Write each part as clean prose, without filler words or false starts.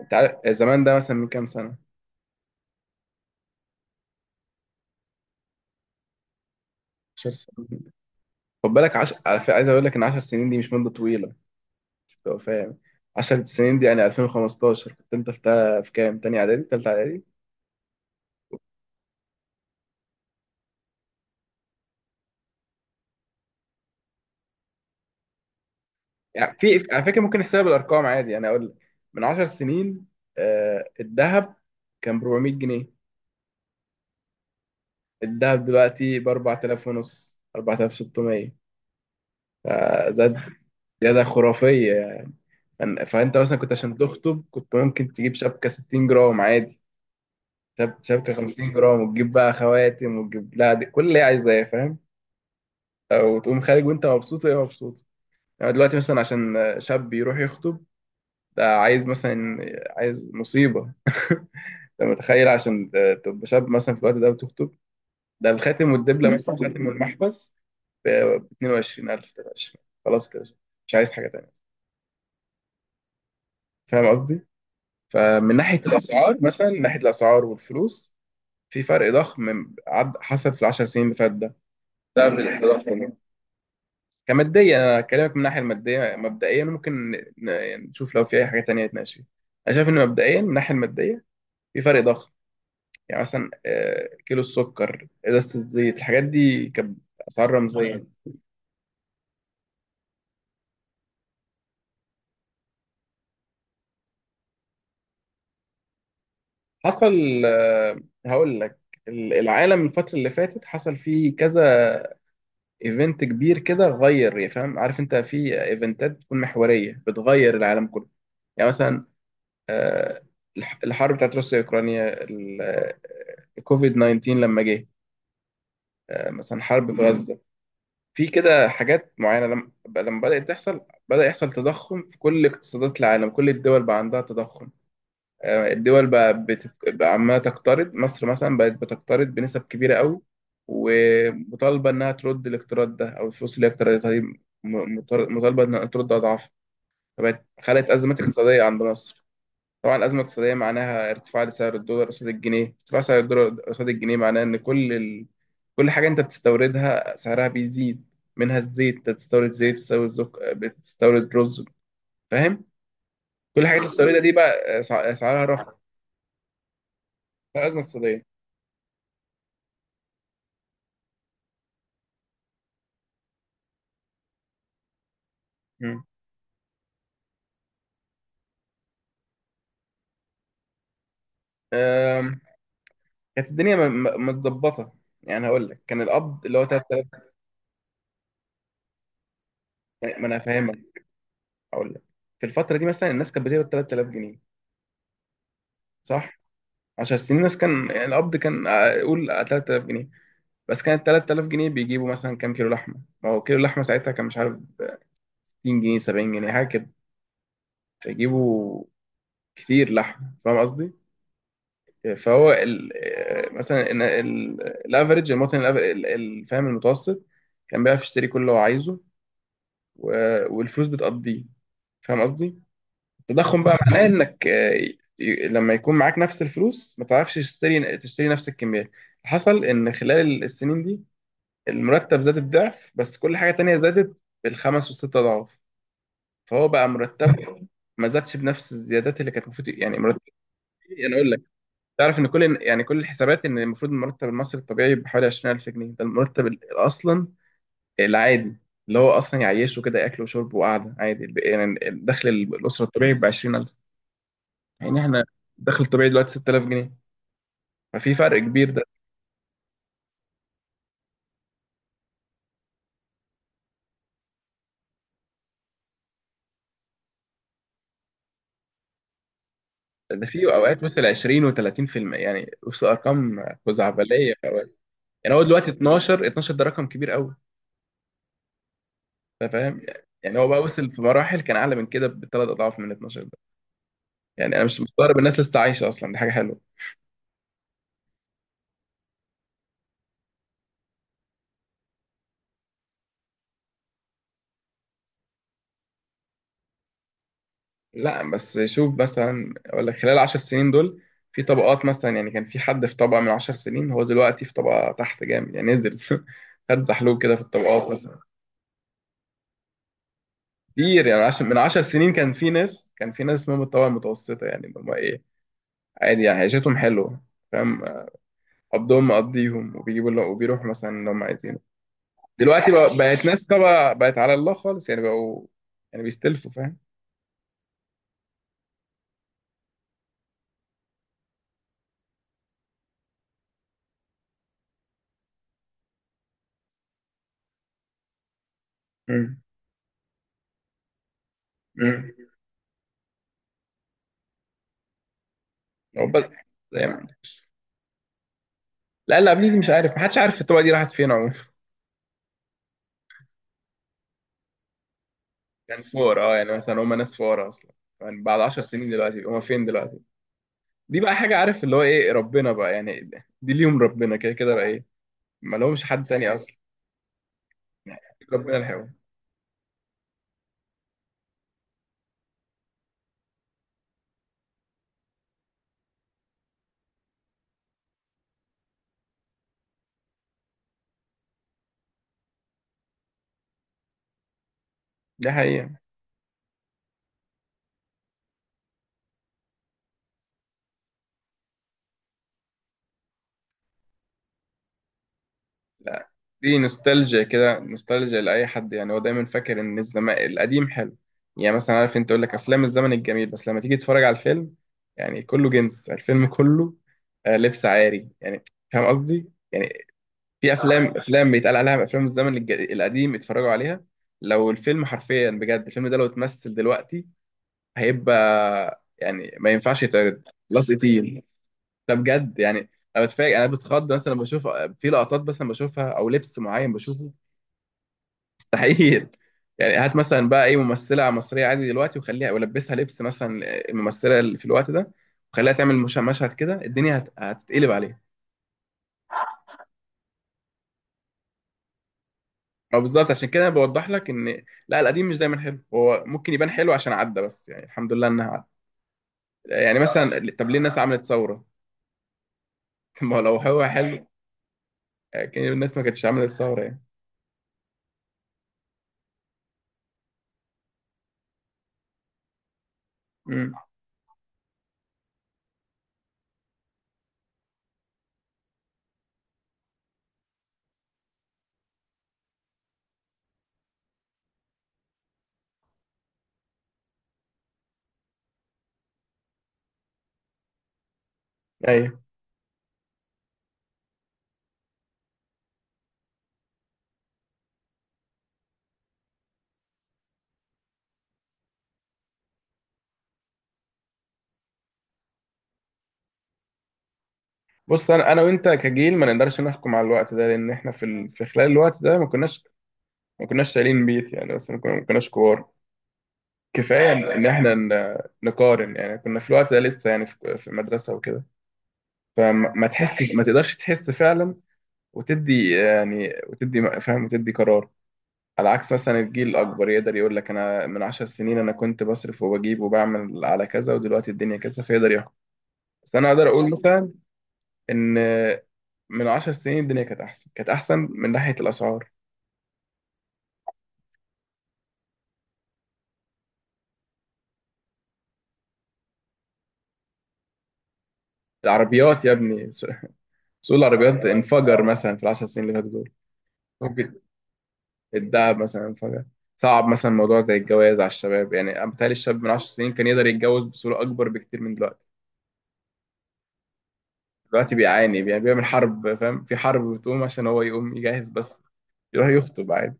انت عارف، زمان ده مثلا من كام سنه؟ 10 سنين. خد بالك على فكرة، عايز اقول لك ان 10 سنين دي مش مده طويله. مش تبقى فاهم. 10 سنين دي يعني 2015 كنت انت في كام؟ تاني اعدادي، تالتة اعدادي. يعني في، على فكره، ممكن نحسبها بالارقام عادي، يعني اقول لك من 10 سنين الذهب كان ب 400 جنيه. الذهب دلوقتي ب 4000 ونص، 4600. زاد. زياده خرافيه. يعني فانت مثلا كنت عشان تخطب كنت ممكن تجيب شبكه 60 جرام عادي، شبكة 50 جرام، وتجيب بقى خواتم، وتجيب، لا دي كل اللي هي عايزاه، فاهم. او تقوم خارج وانت مبسوط وهي مبسوطة. يعني دلوقتي مثلا عشان شاب يروح يخطب، ده عايز مثلا، عايز مصيبة. انت متخيل عشان تبقى شاب مثلا في الوقت ده وتخطب، ده الخاتم والدبلة، مثلا الخاتم والمحبس، ب 22000، 23، خلاص كده. مش عايز حاجة تانية. فاهم قصدي؟ فمن ناحية الأسعار، مثلا من ناحية الأسعار والفلوس، في فرق ضخم عد حصل في العشر سنين اللي فات ده، بسبب التضخم. كماديا، انا اكلمك من الناحيه الماديه مبدئيا، ممكن يعني نشوف لو في اي حاجه تانية نتناقش فيها. انا شايف ان مبدئيا من الناحيه الماديه، في فرق ضخم. يعني مثلا، كيلو السكر، ازازه الزيت، الحاجات دي كانت اسعار رمزيه. حصل، هقول لك، العالم، الفتره اللي فاتت حصل فيه كذا ايفنت كبير كده، غير يعني، فاهم، عارف انت في ايفنتات بتكون محوريه بتغير العالم كله. يعني مثلا، آه، الحرب بتاعت روسيا واوكرانيا، كوفيد 19 لما جه، مثلا حرب في غزة. في كده حاجات معينة، لما بدأت تحصل، بدأ يحصل تضخم في كل اقتصادات العالم، كل الدول بقى عندها تضخم. الدول بقى عمالة تقترض، مصر مثلا بقت بتقترض بنسب كبيرة قوي، ومطالبة إنها ترد الاقتراض ده، أو الفلوس اللي هي اقترضتها دي، مطالبة إنها ترد أضعاف. فبقت خلقت أزمات اقتصادية عند مصر. طبعا، الأزمة الاقتصادية معناها ارتفاع لسعر الدولار قصاد الجنيه، ارتفاع سعر الدولار قصاد الجنيه معناه إن كل كل حاجة أنت بتستوردها سعرها بيزيد، منها الزيت، أنت بتستورد زيت، بتستورد بتستورد رز، فاهم؟ كل حاجة بتستوردها دي بقى سعرها رفع، ده أزمة اقتصادية. مم. أم، كانت الدنيا متظبطة، يعني هقول لك، كان القبض اللي هو 3000. ما أنا فاهمك، هقول لك، في الفترة دي مثلا، الناس كانت بتقبض 3000 جنيه، صح؟ 10 سنين الناس كان، يعني القبض كان، قول 3000 جنيه. بس كانت 3000 جنيه بيجيبوا مثلا كام كيلو لحمه؟ ما هو كيلو اللحمه ساعتها كان، مش عارف، 60 جنيه، 70 جنيه، حاجه كده. فيجيبوا كتير لحمه، فاهم قصدي. فهو ال آه، مثلا إن الافريج، المواطن، فاهم، المتوسط، كان بيعرف يشتري كل اللي هو عايزه، والفلوس بتقضيه، فاهم قصدي. التضخم بقى معناه انك، لما يكون معاك نفس الفلوس، ما تعرفش تشتري نفس الكميات. حصل ان خلال السنين دي، المرتب زاد الضعف، بس كل حاجة تانية زادت بالخمس والست أضعاف. فهو بقى مرتبه ما زادش بنفس الزيادات اللي كانت المفروض، يعني مرتب. يعني أقول لك، تعرف إن كل الحسابات، إن المفروض المرتب المصري الطبيعي بحوالي 20000 جنيه، ده المرتب أصلا العادي، اللي هو أصلا يعيشه كده، أكل وشرب وقعدة عادي، يعني الدخل الأسرة الطبيعي ب 20000. يعني إحنا، الدخل الطبيعي دلوقتي 6000 جنيه. ففي فرق كبير ده. ده في أوقات وصل 20 و30%، يعني وصل أرقام خزعبلية. يعني هو دلوقتي 12 ده رقم كبير قوي، انت فاهم. يعني هو بقى وصل في مراحل كان اعلى من كده ب3 اضعاف من 12 ده. يعني انا مش مستغرب الناس لسه عايشه اصلا، دي حاجه حلوه. لا، بس شوف مثلا، اقول لك خلال 10 سنين دول، في طبقات مثلا، يعني كان في حد في طبقه من 10 سنين، هو دلوقتي في طبقه تحت جامد، يعني نزل خد زحلوب كده في الطبقات مثلا. كتير، يعني عشان من 10 سنين كان في ناس اسمهم الطبقه المتوسطه، يعني اللي هم ايه، عادي يعني عيشتهم حلوه، فاهم. قبضهم مقضيهم، وبيجيبوا اللي، وبيروحوا مثلا اللي هم عايزينه. دلوقتي بقى، بقت ناس طبعا، بقت على الله خالص، يعني بقوا، يعني بيستلفوا، فاهم. امم امم هو بس، زي ما، لا، اللي قبليه دي، مش عارف، محدش عارف الطبقه دي راحت فين عموما. كان فقراء، اه، يعني مثلا هم ناس فقراء اصلا. يعني بعد 10 سنين دلوقتي هم فين دلوقتي؟ دي بقى حاجه، عارف اللي هو ايه، ربنا بقى، يعني دي ليهم ربنا، كده كده بقى ايه. ما لهمش حد تاني اصلا. يعني، ربنا الحيوان. ده حقيقه. لا، دي نوستالجيا كده، نوستالجيا لأي حد، يعني هو دايما فاكر إن الزمان القديم حلو. يعني مثلا عارف أنت، يقول لك أفلام الزمن الجميل، بس لما تيجي تتفرج على الفيلم، يعني كله جنس، الفيلم كله لبس عاري، يعني. فاهم قصدي؟ يعني في أفلام أفلام بيتقال عليها أفلام الزمن القديم، اتفرجوا عليها. لو الفيلم حرفيا، بجد الفيلم ده لو اتمثل دلوقتي، هيبقى يعني ما ينفعش يتعرض. لصق تقيل. ده بجد يعني. انا بتفاجئ، انا بتخض مثلا لما بشوف، في لقطات، بس لما بشوفها او لبس معين بشوفه، مستحيل. يعني هات مثلا بقى اي ممثله مصريه عادي دلوقتي وخليها، ولبسها لبس مثلا الممثله اللي في الوقت ده، وخليها تعمل مشهد كده، الدنيا هتتقلب عليها. ما بالظبط، عشان كده انا بوضح لك ان لا، القديم مش دايما حلو، هو ممكن يبان حلو عشان عدى، بس يعني الحمد لله انها عدى. يعني مثلا، طب ليه الناس عملت ثوره؟ ما هو لو هو حلو، كان الناس ما كانتش عملت ثوره يعني. امم. بص، انا وانت كجيل ما نقدرش نحكم على الوقت ده، لان احنا في في خلال الوقت ده ما كناش، ما كناش شايلين بيت يعني، بس ما كناش كبار. كفايه إن احنا نقارن، يعني كنا في الوقت ده لسه يعني في المدرسه وكده. فما ما تحسش، ما تقدرش تحس فعلا، وتدي يعني وتدي فاهم وتدي قرار. على عكس مثلا الجيل الاكبر يقدر يقول لك، انا من 10 سنين انا كنت بصرف وبجيب وبعمل على كذا، ودلوقتي الدنيا كذا، فيقدر يحكم. بس انا اقدر اقول مثلا ان من 10 سنين الدنيا كانت احسن، كانت احسن من ناحيه الاسعار. العربيات يا ابني، سوق، سوق العربيات انفجر مثلا في العشر سنين اللي فاتوا دول. ممكن الدهب مثلا انفجر. صعب مثلا موضوع زي الجواز على الشباب، يعني أنا بتهيألي الشاب من 10 سنين كان يقدر يتجوز بصوره اكبر بكتير من دلوقتي. دلوقتي بيعاني، يعني بيعمل حرب، فاهم، في حرب بتقوم عشان هو يقوم يجهز بس يروح يخطب عادي.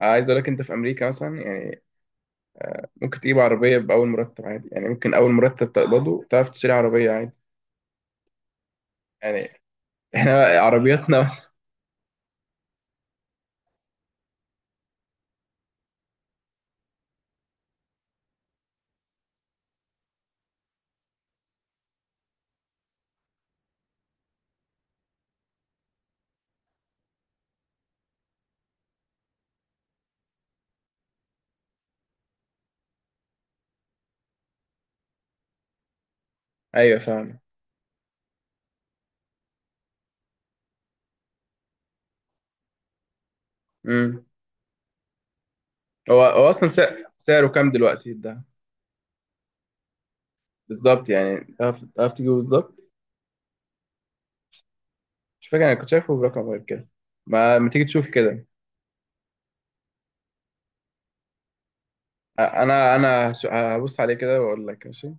عايز اقول لك، انت في امريكا مثلا يعني، ممكن تجيب عربيه باول مرتب عادي، يعني ممكن اول مرتب تقبضه تعرف تشتري عربيه عادي. يعني احنا عربياتنا. ايوه فاهم. امم. هو هو اصلا سعره كام دلوقتي ده؟ بالظبط، يعني تعرف تجيبه بالظبط. مش فاكر، انا كنت شايفه برقم غير كده. ما تيجي تشوف كده. انا هبص عليه كده واقول لك ماشي